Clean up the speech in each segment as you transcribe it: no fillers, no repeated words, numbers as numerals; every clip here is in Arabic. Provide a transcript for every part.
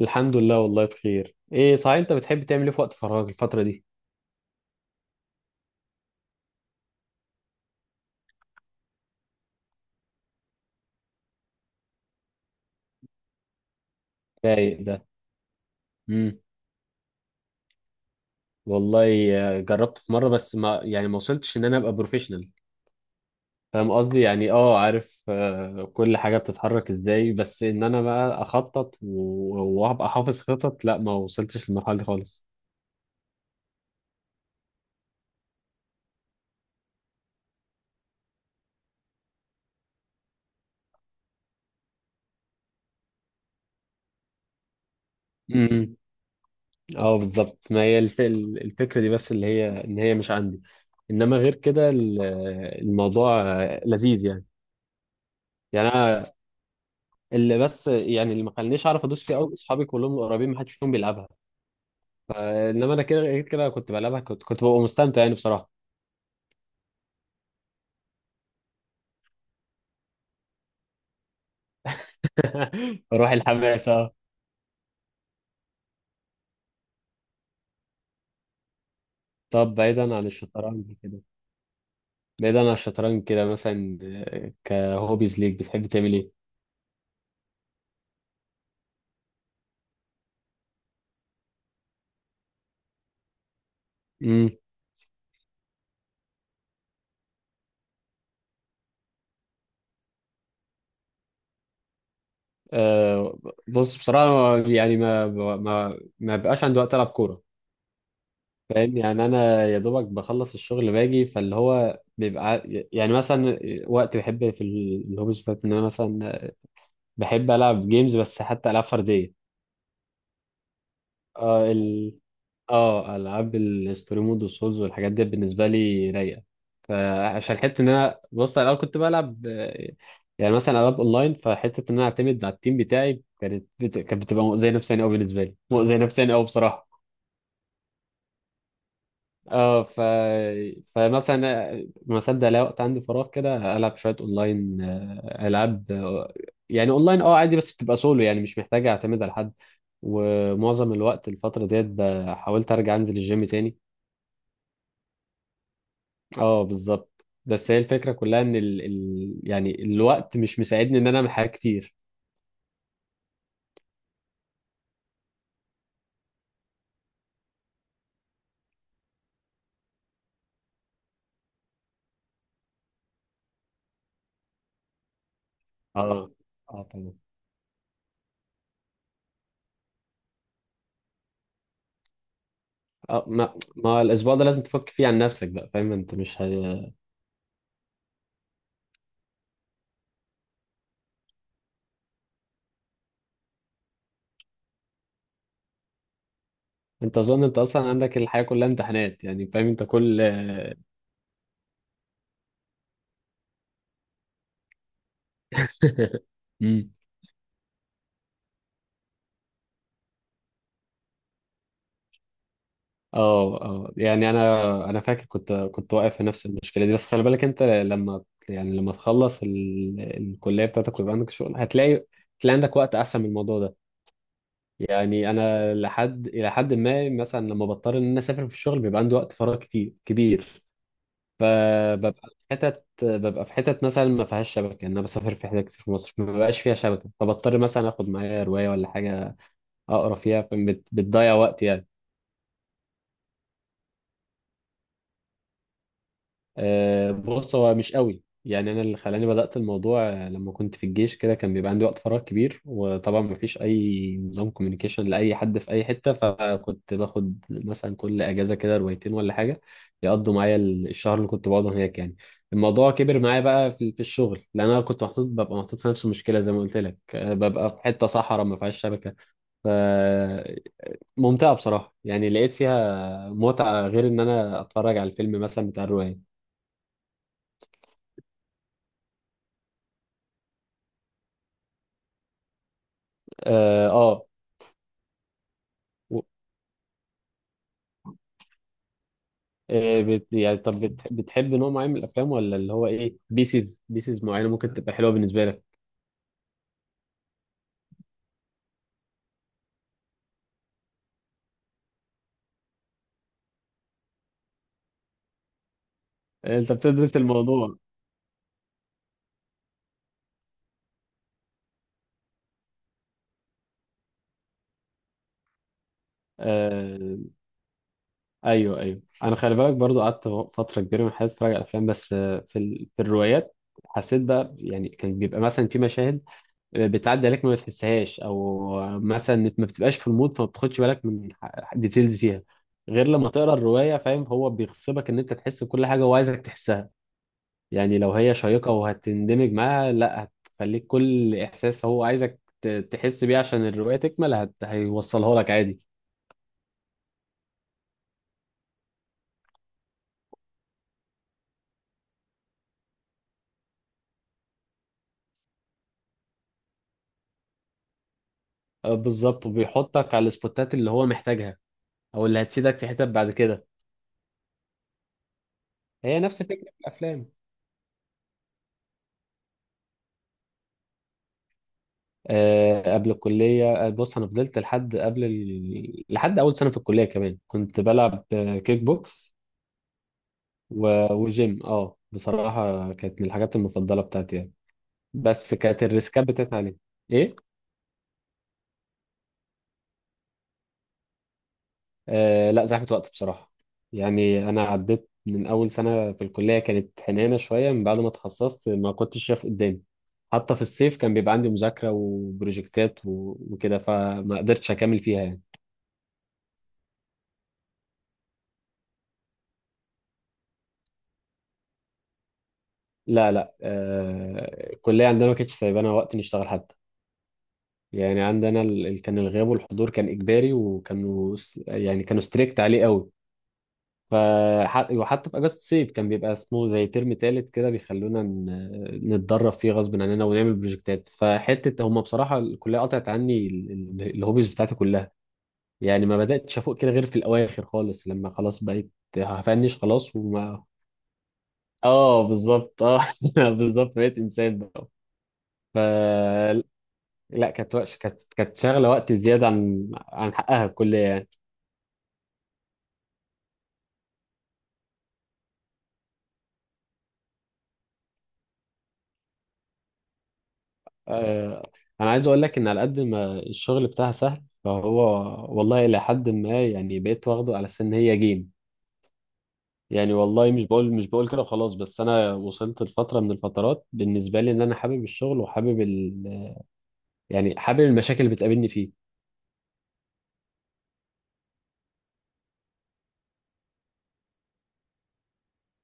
الحمد لله، والله بخير. ايه صحيح، انت بتحب تعمل ايه في وقت فراغك الفترة دي؟ رايق ده. امم. والله، جربت في مرة. بس ما وصلتش ان انا ابقى بروفيشنال. فاهم قصدي. يعني عارف، كل حاجة بتتحرك ازاي. بس ان انا بقى اخطط و- وابقى حافظ خطط. لا، ما وصلتش للمرحلة دي خالص. امم. اه بالظبط. ما هي الفكرة دي. بس اللي هي ان هي مش عندي. انما غير كده الموضوع لذيذ يعني. يعني انا. اللي بس يعني اللي ما خلانيش اعرف ادوس فيه قوي، اصحابي كلهم قريبين، ما حدش فيهم بيلعبها. فانما انا كده، غير كده كنت بلعبها، كنت ببقى مستمتع يعني، بصراحه. روح الحماس، اه. طب، بعيدا عن الشطرنج كده. بعيدا عن الشطرنج كده، مثلا كهوبيز ليك، بتحب تعمل ايه؟ امم. آه بص، بصراحه يعني ما بقاش عندي وقت العب كوره. فاهم يعني، انا يا دوبك بخلص الشغل باجي، فاللي هو بيبقى يعني مثلا، وقت بحب في الهوبيز بتاعتي ان انا مثلا بحب العب جيمز، بس حتى العاب فرديه. اه اه، العاب الستوري مود والسولز والحاجات دي بالنسبه لي رايقه. فعشان حته ان انا، بص، على الاول كنت بلعب يعني مثلا العاب اونلاين، فحته ان انا اعتمد على التيم بتاعي كانت بتبقى مؤذيه نفسيا قوي، بالنسبه لي مؤذيه نفسيا قوي بصراحه. اه فمثلا ما صدق الاقي وقت عندي فراغ، كده العب شويه اونلاين، العاب يعني اونلاين، عادي، بس بتبقى سولو يعني، مش محتاج اعتمد على حد. ومعظم الوقت الفتره ديت، حاولت ارجع انزل الجيم تاني. اه بالظبط. بس هي الفكره كلها ان يعني الوقت مش مساعدني ان انا اعمل حاجات كتير. اه، اه، تمام. اه، ما الاسبوع ده لازم تفك فيه عن نفسك بقى. فاهم انت، مش هي... انت، اظن انت اصلا عندك الحياه كلها امتحانات يعني. فاهم انت كل... مم. اه، اه، يعني انا فاكر كنت واقف في نفس المشكله دي. بس خلي بالك انت، لما تخلص الكليه بتاعتك ويبقى عندك شغل، هتلاقي عندك وقت احسن من الموضوع ده. يعني انا الى حد ما، مثلا لما بضطر ان انا اسافر في الشغل، بيبقى عندي وقت فراغ كتير كبير. فببقى في حتت، مثلا ما فيهاش شبكه، ان انا بسافر في حتت كتير في مصر ما بيبقاش فيها شبكه، فبضطر مثلا اخد معايا روايه ولا حاجه اقرا فيها. بتضيع وقت يعني. بص، هو مش قوي. يعني انا اللي خلاني بدأت الموضوع، لما كنت في الجيش كده، كان بيبقى عندي وقت فراغ كبير، وطبعا مفيش اي نظام كوميونيكيشن لاي حد في اي حتة، فكنت باخد مثلا كل اجازة كده روايتين ولا حاجة يقضوا معايا الشهر اللي كنت بقعده هناك يعني. الموضوع كبر معايا بقى في الشغل، لان انا كنت محطوط، ببقى محطوط في نفس المشكله زي ما قلت لك، ببقى في حته صحراء ما فيهاش شبكه. فممتعه بصراحه يعني، لقيت فيها متعه غير ان انا اتفرج على الفيلم مثلا بتاع الروايه. اه، و... يعني طب، بتحب نوع معين من الافلام، ولا اللي هو ايه، بيسز معينه ممكن تبقى حلوه بالنسبه لك؟ انت بتدرس الموضوع؟ آه... ايوه، ايوه، انا خلي بالك برضو قعدت فتره كبيره من حياتي اتفرج على افلام. بس في الروايات حسيت بقى، يعني كان بيبقى مثلا في مشاهد بتعدي عليك ما بتحسهاش، او مثلا ما بتبقاش في المود فما بتاخدش بالك من ديتيلز فيها، غير لما تقرا الروايه. فاهم؟ هو بيغصبك ان انت تحس بكل حاجه وعايزك تحسها. يعني لو هي شيقة وهتندمج معاها، لا، هتخليك كل إحساس هو عايزك تحس بيه عشان الرواية تكمل، هيوصلها لك عادي. بالظبط، وبيحطك على السبوتات اللي هو محتاجها، أو اللي هتفيدك في حتت بعد كده. هي نفس فكرة الأفلام. أه، قبل الكلية، بص، أنا فضلت لحد لحد أول سنة في الكلية كمان كنت بلعب كيك بوكس و... وجيم. اه بصراحة كانت من الحاجات المفضلة بتاعتي يعني. بس كانت الريسكات بتاعتي عليه. إيه؟ آه لا، زحمة وقت بصراحة. يعني أنا عديت من أول سنة في الكلية. كانت حنانة شوية. من بعد ما اتخصصت ما كنتش شايف قدامي. حتى في الصيف كان بيبقى عندي مذاكرة وبروجكتات و- وكده، فما قدرتش أكمل فيها يعني. لا، لا، الكلية عندنا ما كانتش سايبانا وقت نشتغل حتى. يعني عندنا، كان الغياب والحضور كان إجباري، وكانوا س- يعني كانوا ستريكت عليه قوي. وحتى في اجازه الصيف كان بيبقى اسمه زي ترم تالت كده، بيخلونا نتدرب فيه غصب عننا ونعمل بروجكتات. فحته هم بصراحه الكليه قطعت عني الهوبيز بتاعتي كلها. يعني ما بداتش افوق كده غير في الاواخر خالص، لما خلاص بقيت هفنش خلاص وما... اه بالظبط، اه. بالظبط، بقيت انسان بقى. ف... لا، كانت شغله وقت زياده عن حقها الكليه يعني. انا عايز اقول لك، ان على قد ما الشغل بتاعها سهل، فهو والله الى حد ما يعني، بقيت واخده على سن هي جيم. يعني والله، مش بقول كده وخلاص. بس انا وصلت لفتره من الفترات بالنسبه لي، ان انا حابب الشغل وحابب يعني حابب المشاكل اللي بتقابلني فيه.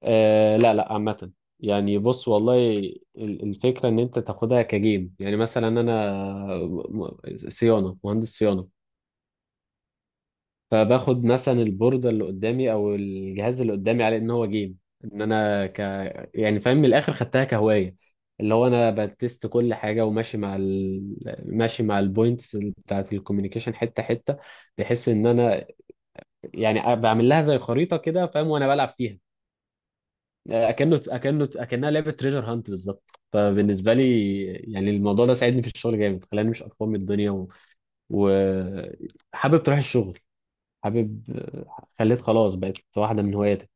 آه لا، لا، عامه. يعني بص، والله الفكره ان انت تاخدها كجيم، يعني مثلا انا، م- صيانه، مهندس صيانه. فباخد مثلا البوردة اللي قدامي، او الجهاز اللي قدامي، على ان هو جيم. ان انا ك... يعني فاهم، من الاخر خدتها كهواية، اللي هو انا بتست كل حاجة وماشي مع ماشي مع البوينتس بتاعت الكوميونيكيشن حتة حتة، بحيث ان انا يعني بعمل لها زي خريطة كده، فاهم؟ وانا بلعب فيها. اكنها لعبة تريجر هانت بالظبط. فبالنسبة لي يعني، الموضوع ده ساعدني في الشغل جامد، خلاني مش قرفان من الدنيا وحابب تروح الشغل، حابب، خليت خلاص بقت واحدة من هواياتك.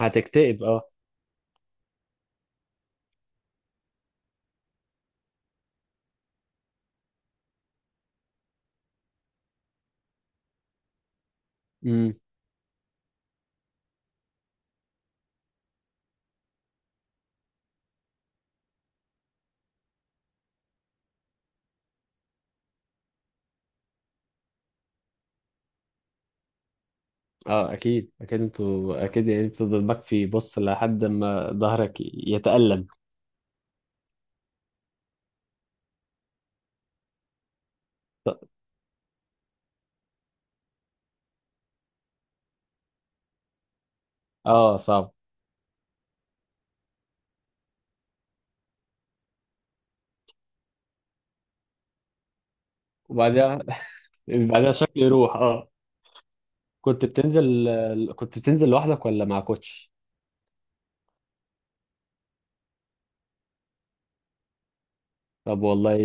هتكتئب، اه. امم. اه، اكيد، اكيد، انتوا اكيد، يعني بتفضل مكفي. بص لحد ما ظهرك يتألم. اه صعب. وبعدها... بعدها شكل يروح، اه. كنت بتنزل كنت بتنزل لوحدك ولا مع كوتش؟ طب والله،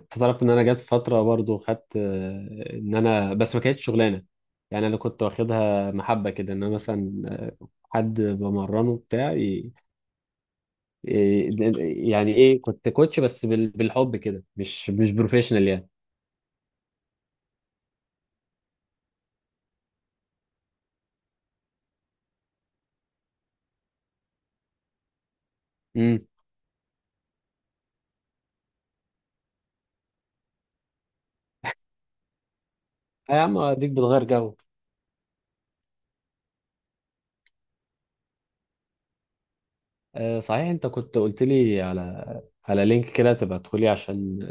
انت تعرف ان انا جت فتره برضو خدت، ان انا بس ما كانتش شغلانه. يعني انا كنت واخدها محبه كده، ان انا مثلا حد بمرنه بتاعي. إيه، يعني ايه، كنت كوتش بس بالحب كده، مش بروفيشنال يعني. امم. يا عم اديك بتغير جو. آه صحيح، انت كنت قلت لي على لينك كده تبقى تدخلي، عشان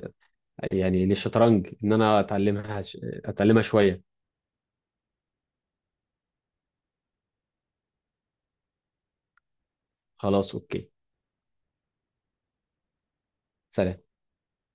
يعني للشطرنج، ان انا اتعلمها شوية. خلاص، اوكي. سلام.